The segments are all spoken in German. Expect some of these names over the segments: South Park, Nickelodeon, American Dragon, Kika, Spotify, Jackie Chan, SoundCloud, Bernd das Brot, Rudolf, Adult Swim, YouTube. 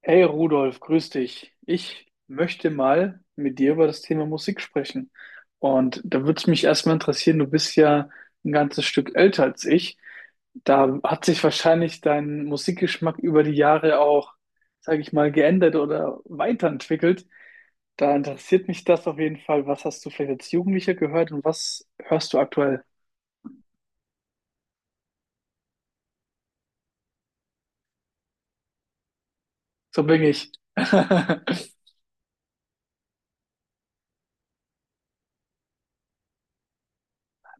Hey Rudolf, grüß dich. Ich möchte mal mit dir über das Thema Musik sprechen. Und da würde es mich erstmal interessieren, du bist ja ein ganzes Stück älter als ich. Da hat sich wahrscheinlich dein Musikgeschmack über die Jahre auch, sage ich mal, geändert oder weiterentwickelt. Da interessiert mich das auf jeden Fall. Was hast du vielleicht als Jugendlicher gehört und was hörst du aktuell? So bin ich.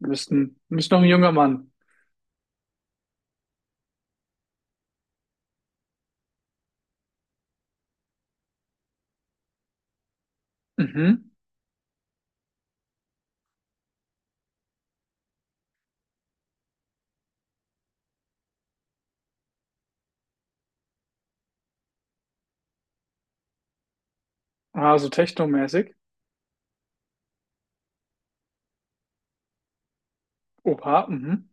Du bist noch ein junger Mann. Mhm. Ah, so technomäßig. Oha, mhm.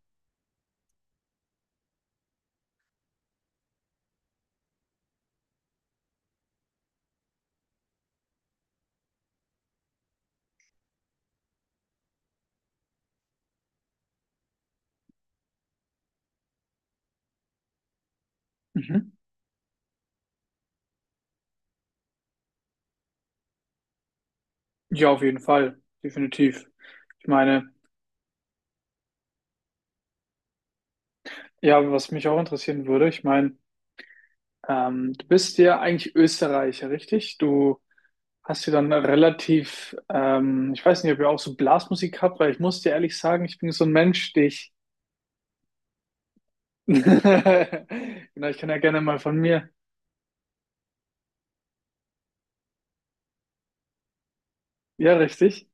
Mhm. Ja, auf jeden Fall, definitiv. Ich meine, ja, was mich auch interessieren würde, ich meine, du bist ja eigentlich Österreicher, richtig? Du hast ja dann relativ, ich weiß nicht, ob ihr auch so Blasmusik habt, weil ich muss dir ehrlich sagen, ich bin so ein Mensch, die ich, genau, ich kann ja gerne mal von mir, ja, richtig?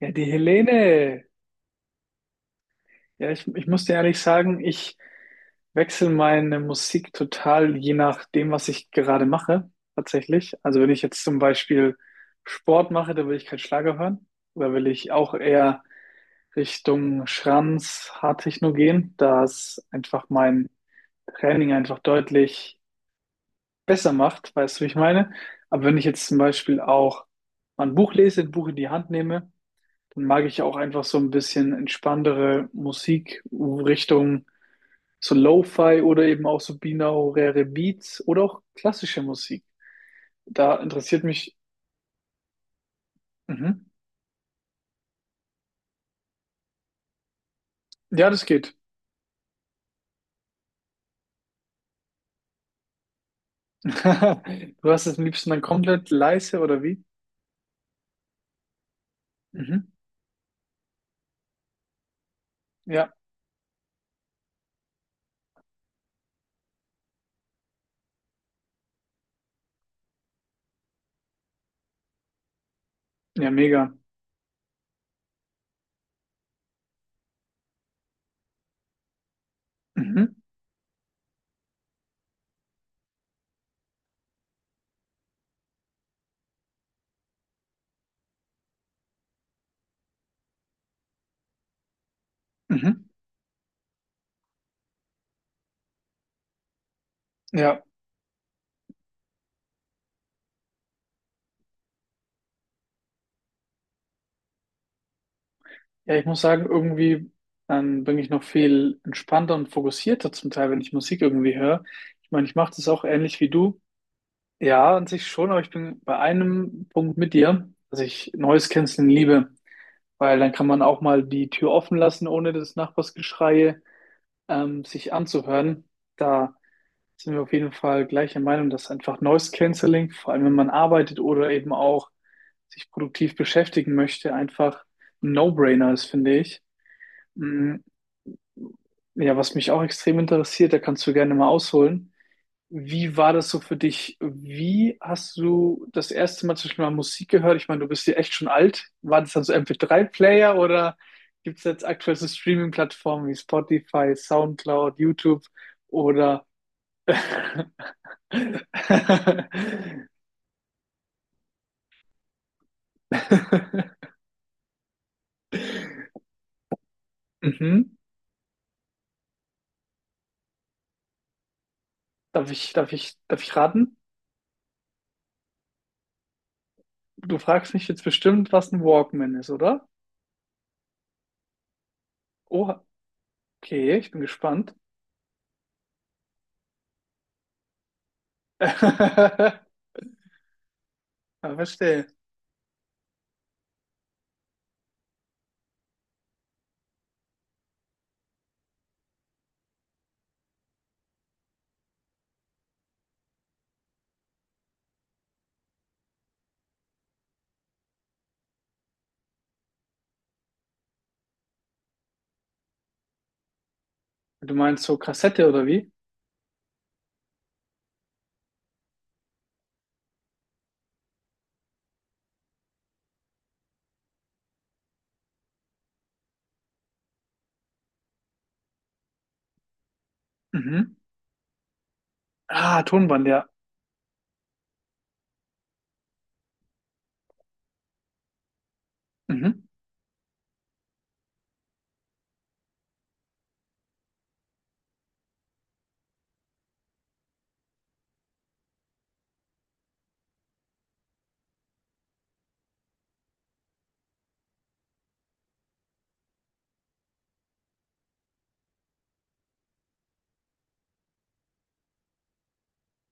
Ja, die Helene, ja, ich muss dir ehrlich sagen, ich wechsle meine Musik total je nachdem, was ich gerade mache, tatsächlich. Also wenn ich jetzt zum Beispiel Sport mache, dann will ich keinen Schlager hören. Oder will ich auch eher Richtung Schranz, Hardtechno gehen, da es einfach mein Training einfach deutlich besser macht, weißt du, wie ich meine? Aber wenn ich jetzt zum Beispiel auch mal ein Buch lese, ein Buch in die Hand nehme, dann mag ich auch einfach so ein bisschen entspanntere Musikrichtung so Lo-Fi oder eben auch so binaurale Beats oder auch klassische Musik. Da interessiert mich. Mhm. Ja, das geht. Du hast es am liebsten dann komplett leise oder wie? Mhm. Ja, ja, mega. Mhm. Mhm. Ja. Ja, ich muss sagen, irgendwie dann bin ich noch viel entspannter und fokussierter zum Teil, wenn ich Musik irgendwie höre. Ich meine, ich mache das auch ähnlich wie du. Ja, an sich schon, aber ich bin bei einem Punkt mit dir, dass ich Noise Cancelling liebe, weil dann kann man auch mal die Tür offen lassen, ohne das Nachbarsgeschrei sich anzuhören. Da sind wir auf jeden Fall gleicher Meinung, dass einfach Noise Cancelling, vor allem wenn man arbeitet oder eben auch sich produktiv beschäftigen möchte, einfach ein No-Brainer ist, finde ich. Mm, ja, was mich auch extrem interessiert, da kannst du gerne mal ausholen. Wie war das so für dich? Wie hast du das erste Mal zum Beispiel mal Musik gehört? Ich meine, du bist ja echt schon alt. War das dann so MP3-Player oder gibt es jetzt aktuell so Streaming-Plattformen wie Spotify, SoundCloud, YouTube oder Mhm. Darf ich raten? Du fragst mich jetzt bestimmt, was ein Walkman ist, oder? Oh, okay, ich bin gespannt. Ja, verstehe. Du meinst so Kassette oder wie? Mhm. Ah, Tonband, ja. Mhm.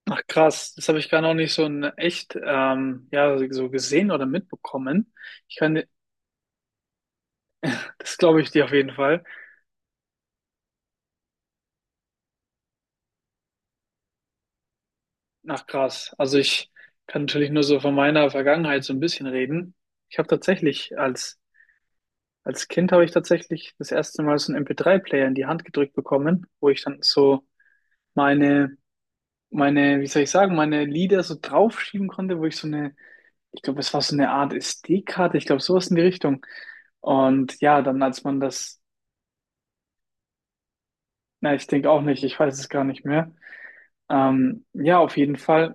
Ach krass, das habe ich gar noch nicht so in echt ja, so gesehen oder mitbekommen. Ich kann, das glaube ich dir auf jeden Fall. Ach krass. Also ich kann natürlich nur so von meiner Vergangenheit so ein bisschen reden. Ich habe tatsächlich als als Kind habe ich tatsächlich das erste Mal so einen MP3-Player in die Hand gedrückt bekommen, wo ich dann so meine meine, wie soll ich sagen, meine Lieder so draufschieben konnte, wo ich so eine ich glaube, es war so eine Art SD-Karte, ich glaube, sowas in die Richtung. Und ja, dann als man das, na, ich denke auch nicht, ich weiß es gar nicht mehr. Ja, auf jeden Fall.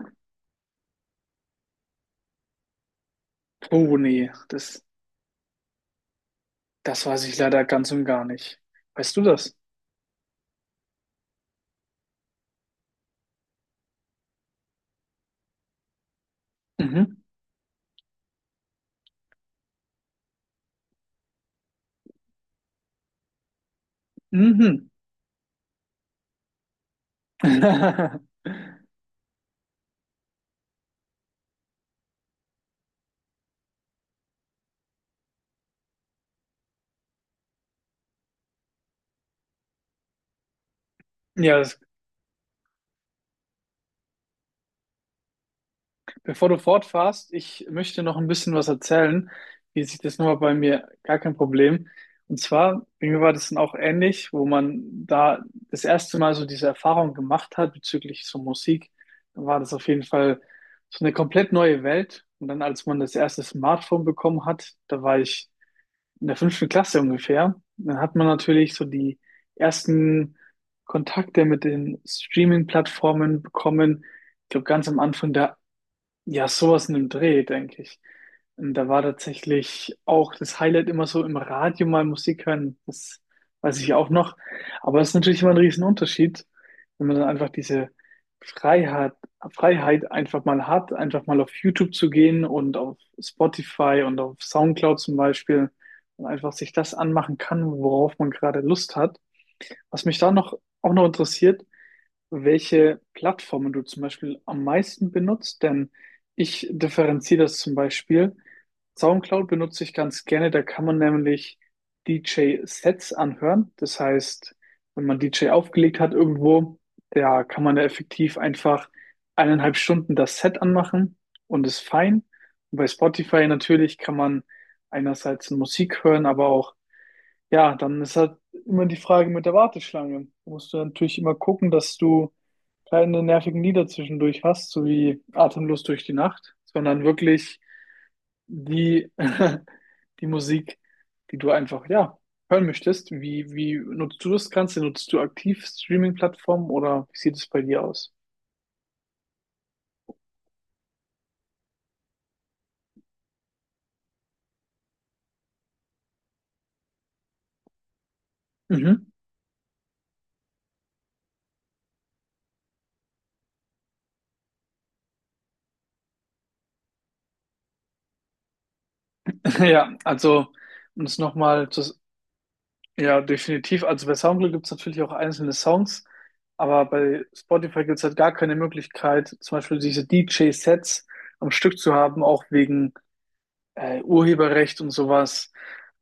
Oh nee, das weiß ich leider ganz und gar nicht. Weißt du das? Mhm. Mhm. Ja, bevor du fortfährst, ich möchte noch ein bisschen was erzählen. Wie sieht das nochmal bei mir? Gar kein Problem. Und zwar, bei mir war das dann auch ähnlich, wo man da das erste Mal so diese Erfahrung gemacht hat bezüglich so Musik, dann war das auf jeden Fall so eine komplett neue Welt. Und dann, als man das erste Smartphone bekommen hat, da war ich in der fünften Klasse ungefähr, dann hat man natürlich so die ersten Kontakte mit den Streaming-Plattformen bekommen. Ich glaube, ganz am Anfang der, ja, sowas in dem Dreh, denke ich. Und da war tatsächlich auch das Highlight immer so im Radio mal Musik hören. Das weiß ich auch noch. Aber es ist natürlich immer ein Riesenunterschied, wenn man dann einfach diese Freiheit, Freiheit einfach mal hat, einfach mal auf YouTube zu gehen und auf Spotify und auf SoundCloud zum Beispiel und einfach sich das anmachen kann, worauf man gerade Lust hat. Was mich da noch auch noch interessiert, welche Plattformen du zum Beispiel am meisten benutzt, denn ich differenziere das zum Beispiel. SoundCloud benutze ich ganz gerne, da kann man nämlich DJ-Sets anhören. Das heißt, wenn man DJ aufgelegt hat irgendwo, da kann man da effektiv einfach 1,5 Stunden das Set anmachen und ist fein. Und bei Spotify natürlich kann man einerseits Musik hören, aber auch, ja, dann ist halt immer die Frage mit der Warteschlange. Da musst du natürlich immer gucken, dass du keine nervigen Lieder zwischendurch hast, so wie Atemlos durch die Nacht, sondern wirklich die, die Musik, die du einfach, ja, hören möchtest. Wie nutzt du das Ganze? Nutzt du aktiv Streaming-Plattformen oder wie sieht es bei dir aus? Mhm. Ja, also um es nochmal zu, ja, definitiv. Also bei Soundcloud gibt es natürlich auch einzelne Songs, aber bei Spotify gibt es halt gar keine Möglichkeit, zum Beispiel diese DJ-Sets am Stück zu haben, auch wegen Urheberrecht und sowas.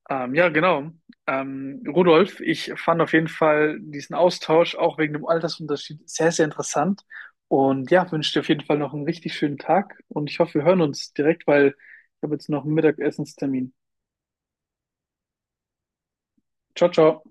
Ja, genau. Rudolf, ich fand auf jeden Fall diesen Austausch auch wegen dem Altersunterschied sehr, sehr interessant. Und ja, wünsche dir auf jeden Fall noch einen richtig schönen Tag und ich hoffe, wir hören uns direkt, weil ich habe jetzt noch einen Mittagessenstermin. Ciao, ciao.